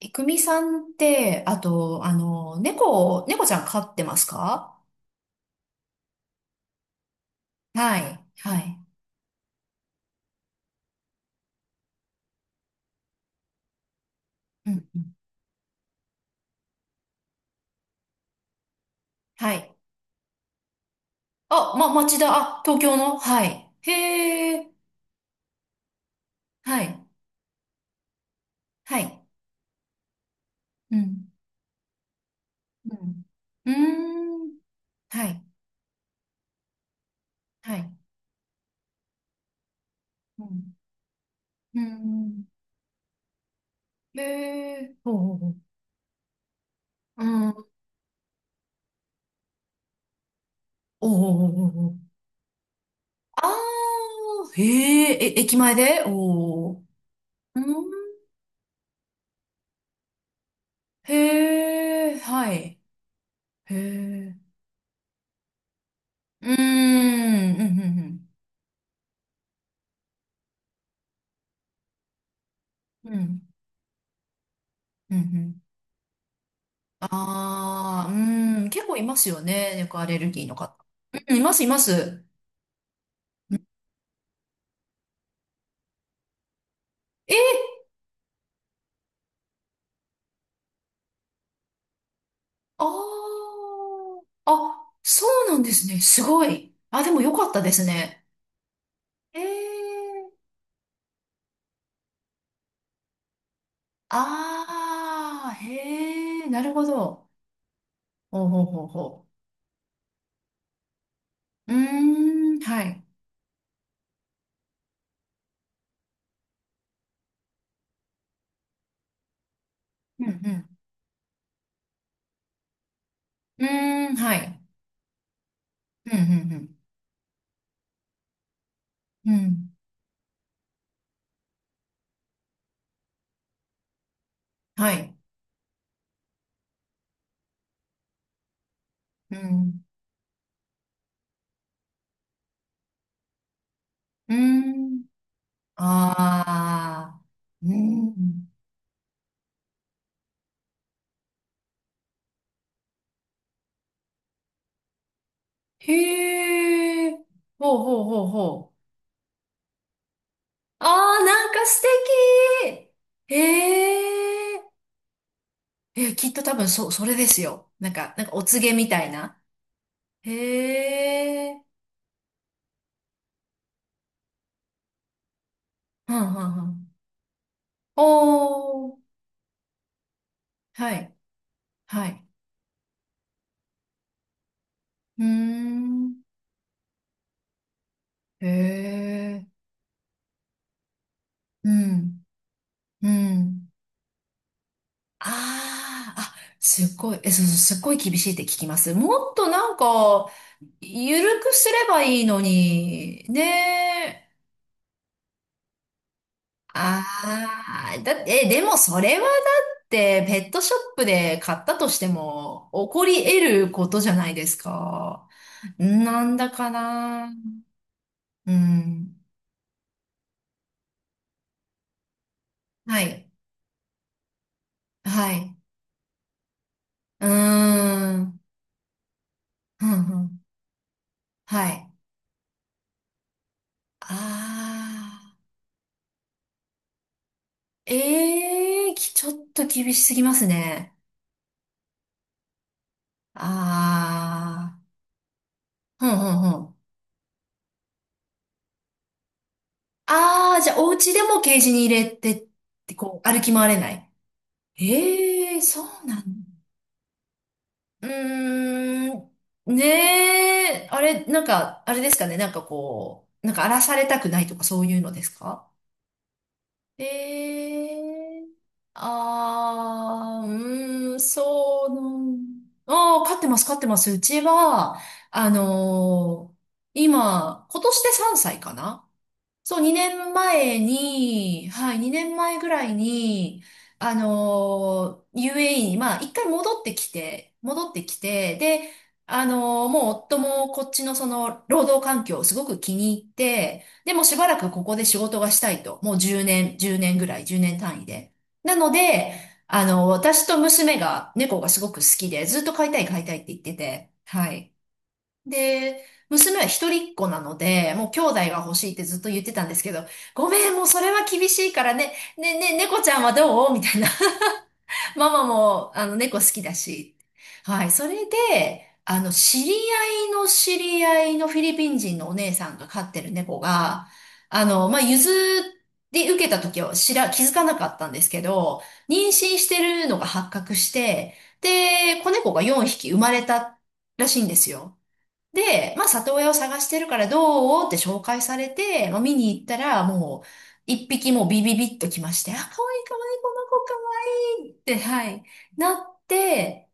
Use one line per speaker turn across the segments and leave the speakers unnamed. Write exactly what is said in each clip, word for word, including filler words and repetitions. えくみさんって、あと、あの、猫を、猫ちゃん飼ってますか？はい、はい。うん、うん。はい。あ、ま、町田、あ、東京の。はい。へえ、はい、はい。うん、うん。うーん、はい、はい。うん、うん。へえ、おうおうおう。うん、おうおうおうおう。あー、へえ、え、駅前でおうおう。うん、へえ、はい。へえ。うーん、うん、うん、うん、うん、うん。ああー、うん、結構いますよね、猫アレルギーの方。うん、います、います。うんえ、あーあ、そうなんですね、すごい。あ、でもよかったですね。えー、ああ、へえ、なるほど。ほうほうほうほう。うーん、はい。うん、うん。うーん、はい。うん、うん、うん。うん、はい。うん、うーん。ああ、うん。へえ、ほうほうほうほう。ああ、なんか素敵。へえ、え、きっと多分そ、それですよ。なんか、なんかお告げみたいな。へえ、はんはんはん。おー、はい、はい。うーん、へえ、うん、うん。ああ、あ、すっごい、え、そうそう、すっごい厳しいって聞きます。もっとなんか、ゆるくすればいいのに、ねえ。ああ、だって、え、でもそれはだって、ペットショップで買ったとしても、起こり得ることじゃないですか。なんだかな。うん。はい。はい。うーん。ふんふん。はい。ああ。ええー、きちょっと厳しすぎますね。ああ。ふんふんふん。ああ、じゃあ、お家でもケージに入れてって、こう、歩き回れない。ええそうなんだ。うーん、ねえ、あれ、なんか、あれですかね、なんかこう、なんか荒らされたくないとかそういうのですか？ええああー、うーん、そうなん。ああー、飼ってます、飼ってます。うちは、あのー今、今年でさんさいかな。そう、にねんまえに、はい、にねんまえぐらいに、あのー ユーエーイー に、まあ、一回戻ってきて、戻ってきて、で、あのーもう夫もこっちのその、労働環境をすごく気に入って、でもしばらくここで仕事がしたいと、もうじゅうねん、いちねんぐらい、じゅうねん単位で。なので、あのー私と娘が、猫がすごく好きで、ずっと飼いたい飼いたいって言ってて、はい。で、娘は一人っ子なので、もう兄弟が欲しいってずっと言ってたんですけど、ごめん、もうそれは厳しいからね、ね、ね、猫ちゃんはどうみたいな。ママも、あの、猫好きだし。はい。それで、あの、知り合いの知り合いのフィリピン人のお姉さんが飼ってる猫が、あの、まあ、譲り受けた時は知ら、気づかなかったんですけど、妊娠してるのが発覚して、で、子猫がよんひき生まれたらしいんですよ。で、まあ、里親を探してるからどうって紹介されて、まあ、見に行ったら、もう、一匹もうビビビッと来まして、あ、かわいいかわいい、この子かわいいって、はい、なって、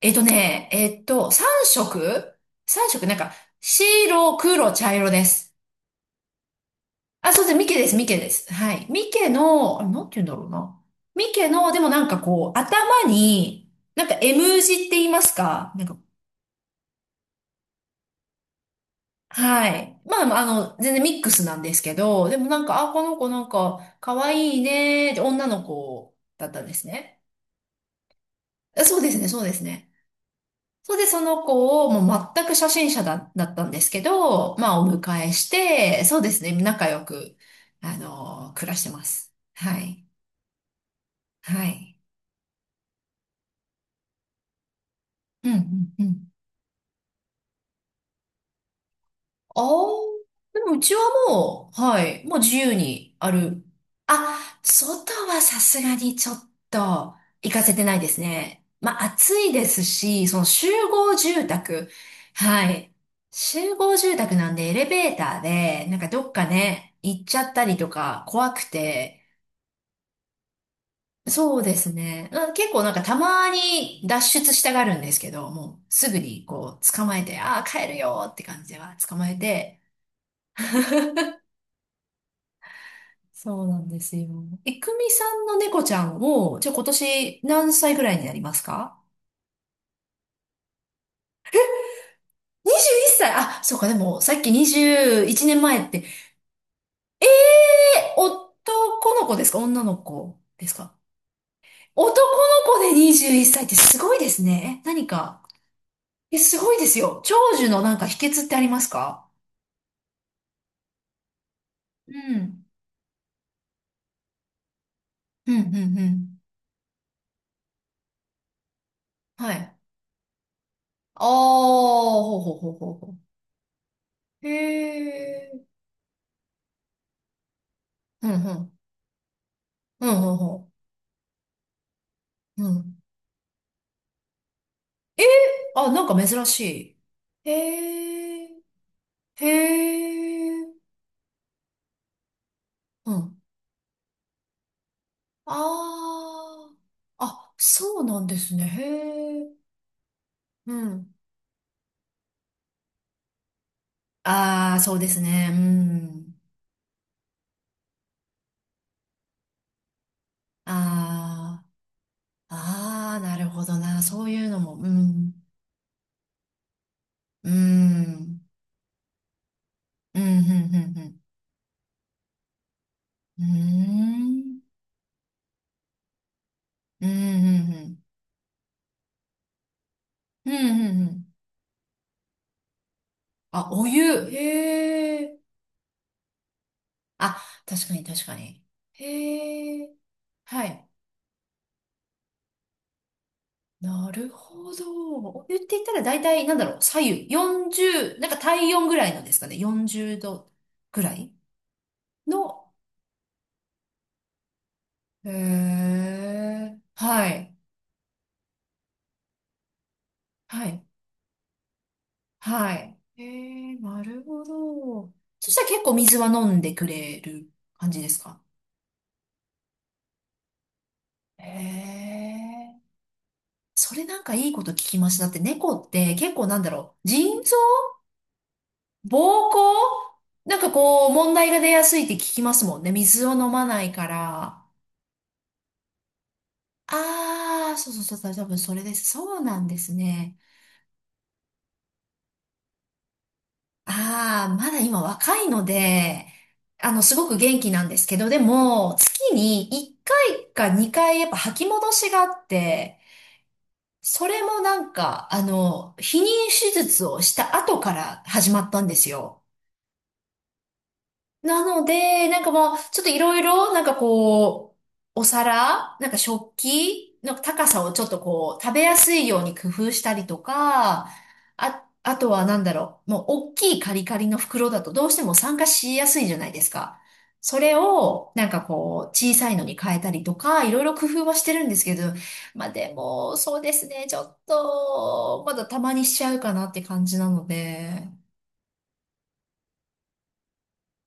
えっとね、えっと、三色三色、なんか、白、黒、茶色です。あ、そうです。ミケです、ミケです。はい。ミケの、あれなんて言うんだろうな。ミケの、でもなんかこう、頭に、なんか M 字って言いますか？なんか。はい。まあ、まああの、全然ミックスなんですけど、でもなんか、あ、この子なんか、可愛いね、って女の子だったんですね。あそうですね、そうですね。それで、その子を、もう全く初心者だ、だったんですけど、まあ、お迎えして、そうですね、仲良く、あの、暮らしてます。はい。はい。うん、うん、うん。ああ、でもうちはもう、はい、もう自由にある。あ、外はさすがにちょっと行かせてないですね。まあ暑いですし、その集合住宅。はい。集合住宅なんでエレベーターで、なんかどっかね、行っちゃったりとか怖くて。そうですね。うん結構なんかたまに脱出したがるんですけど、もうすぐにこう捕まえて、ああ、帰るよって感じでは捕まえて、そうなんですよ。え、くみさんの猫ちゃんを、じゃあ今年何歳ぐらいになりますか？ にじゅういっ 歳。あ、そうか、でもさっきにじゅういちねんまえって、えー、男の子ですか女の子ですか？男の子でにじゅういっさいっさいってすごいですね。え、何か。え、すごいですよ。長寿のなんか秘訣ってありますか？うん。うん、うん、うん。はい。ああ、ほうほうほうほうほう。へえ。うん、うん。うん、うん、うん。うんえー、あ、なんか珍しい。へえ、へえ、うん。あーあ、そうなんですね。へえ、うん。ああ、そうですね。うん。ああ、ああ、なるほどな。そういうのも、うん。うん。うん、うん、うん、うん。うーん。うん、うん、うん。うん、うん、うん。あ、お湯。へえ。あ、確かに、確かに。へえ。はい。なるほど。言って言ったら大体、なんだろう、左右、よんじゅう、なんか体温ぐらいのですかね、よんじゅうどぐらいの、へえ、はい、はい、はい。へえ、なるほど。そしたら結構水は飲んでくれる感じですか？へえ、それなんかいいこと聞きました。だって猫って結構なんだろう、腎臓膀胱なんかこう、問題が出やすいって聞きますもんね。水を飲まないから。ああ、そうそうそう、多分それです。そうなんですね。ああ、まだ今若いので、あの、すごく元気なんですけど、でも、月にいっかいかにかいやっぱ吐き戻しがあって、それもなんか、あの、避妊手術をした後から始まったんですよ。なので、なんかもう、ちょっといろいろ、なんかこう、お皿、なんか食器の高さをちょっとこう、食べやすいように工夫したりとか、あ、あとはなんだろう、もう大きいカリカリの袋だとどうしても酸化しやすいじゃないですか。それを、なんかこう、小さいのに変えたりとか、いろいろ工夫はしてるんですけど、まあでも、そうですね、ちょっと、まだたまにしちゃうかなって感じなので。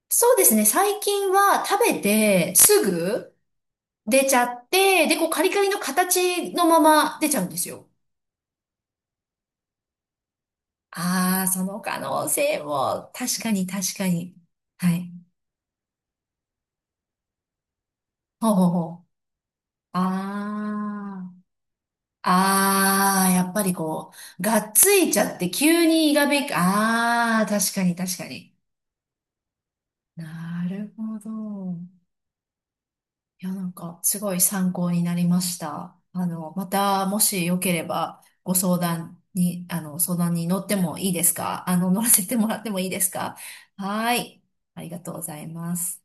そうですね。最近は食べてすぐ出ちゃって、で、こうカリカリの形のまま出ちゃうんですよ。ああ、その可能性も、確かに確かに。はい。ほうほうほう。ああ。ああ、やっぱりこう、がっついちゃって急に胃がべき、ああ、確かに確かに。なるほど。いや、なんか、すごい参考になりました。あの、また、もしよければ、ご相談に、あの、相談に乗ってもいいですか？あの、乗らせてもらってもいいですか？はい。ありがとうございます。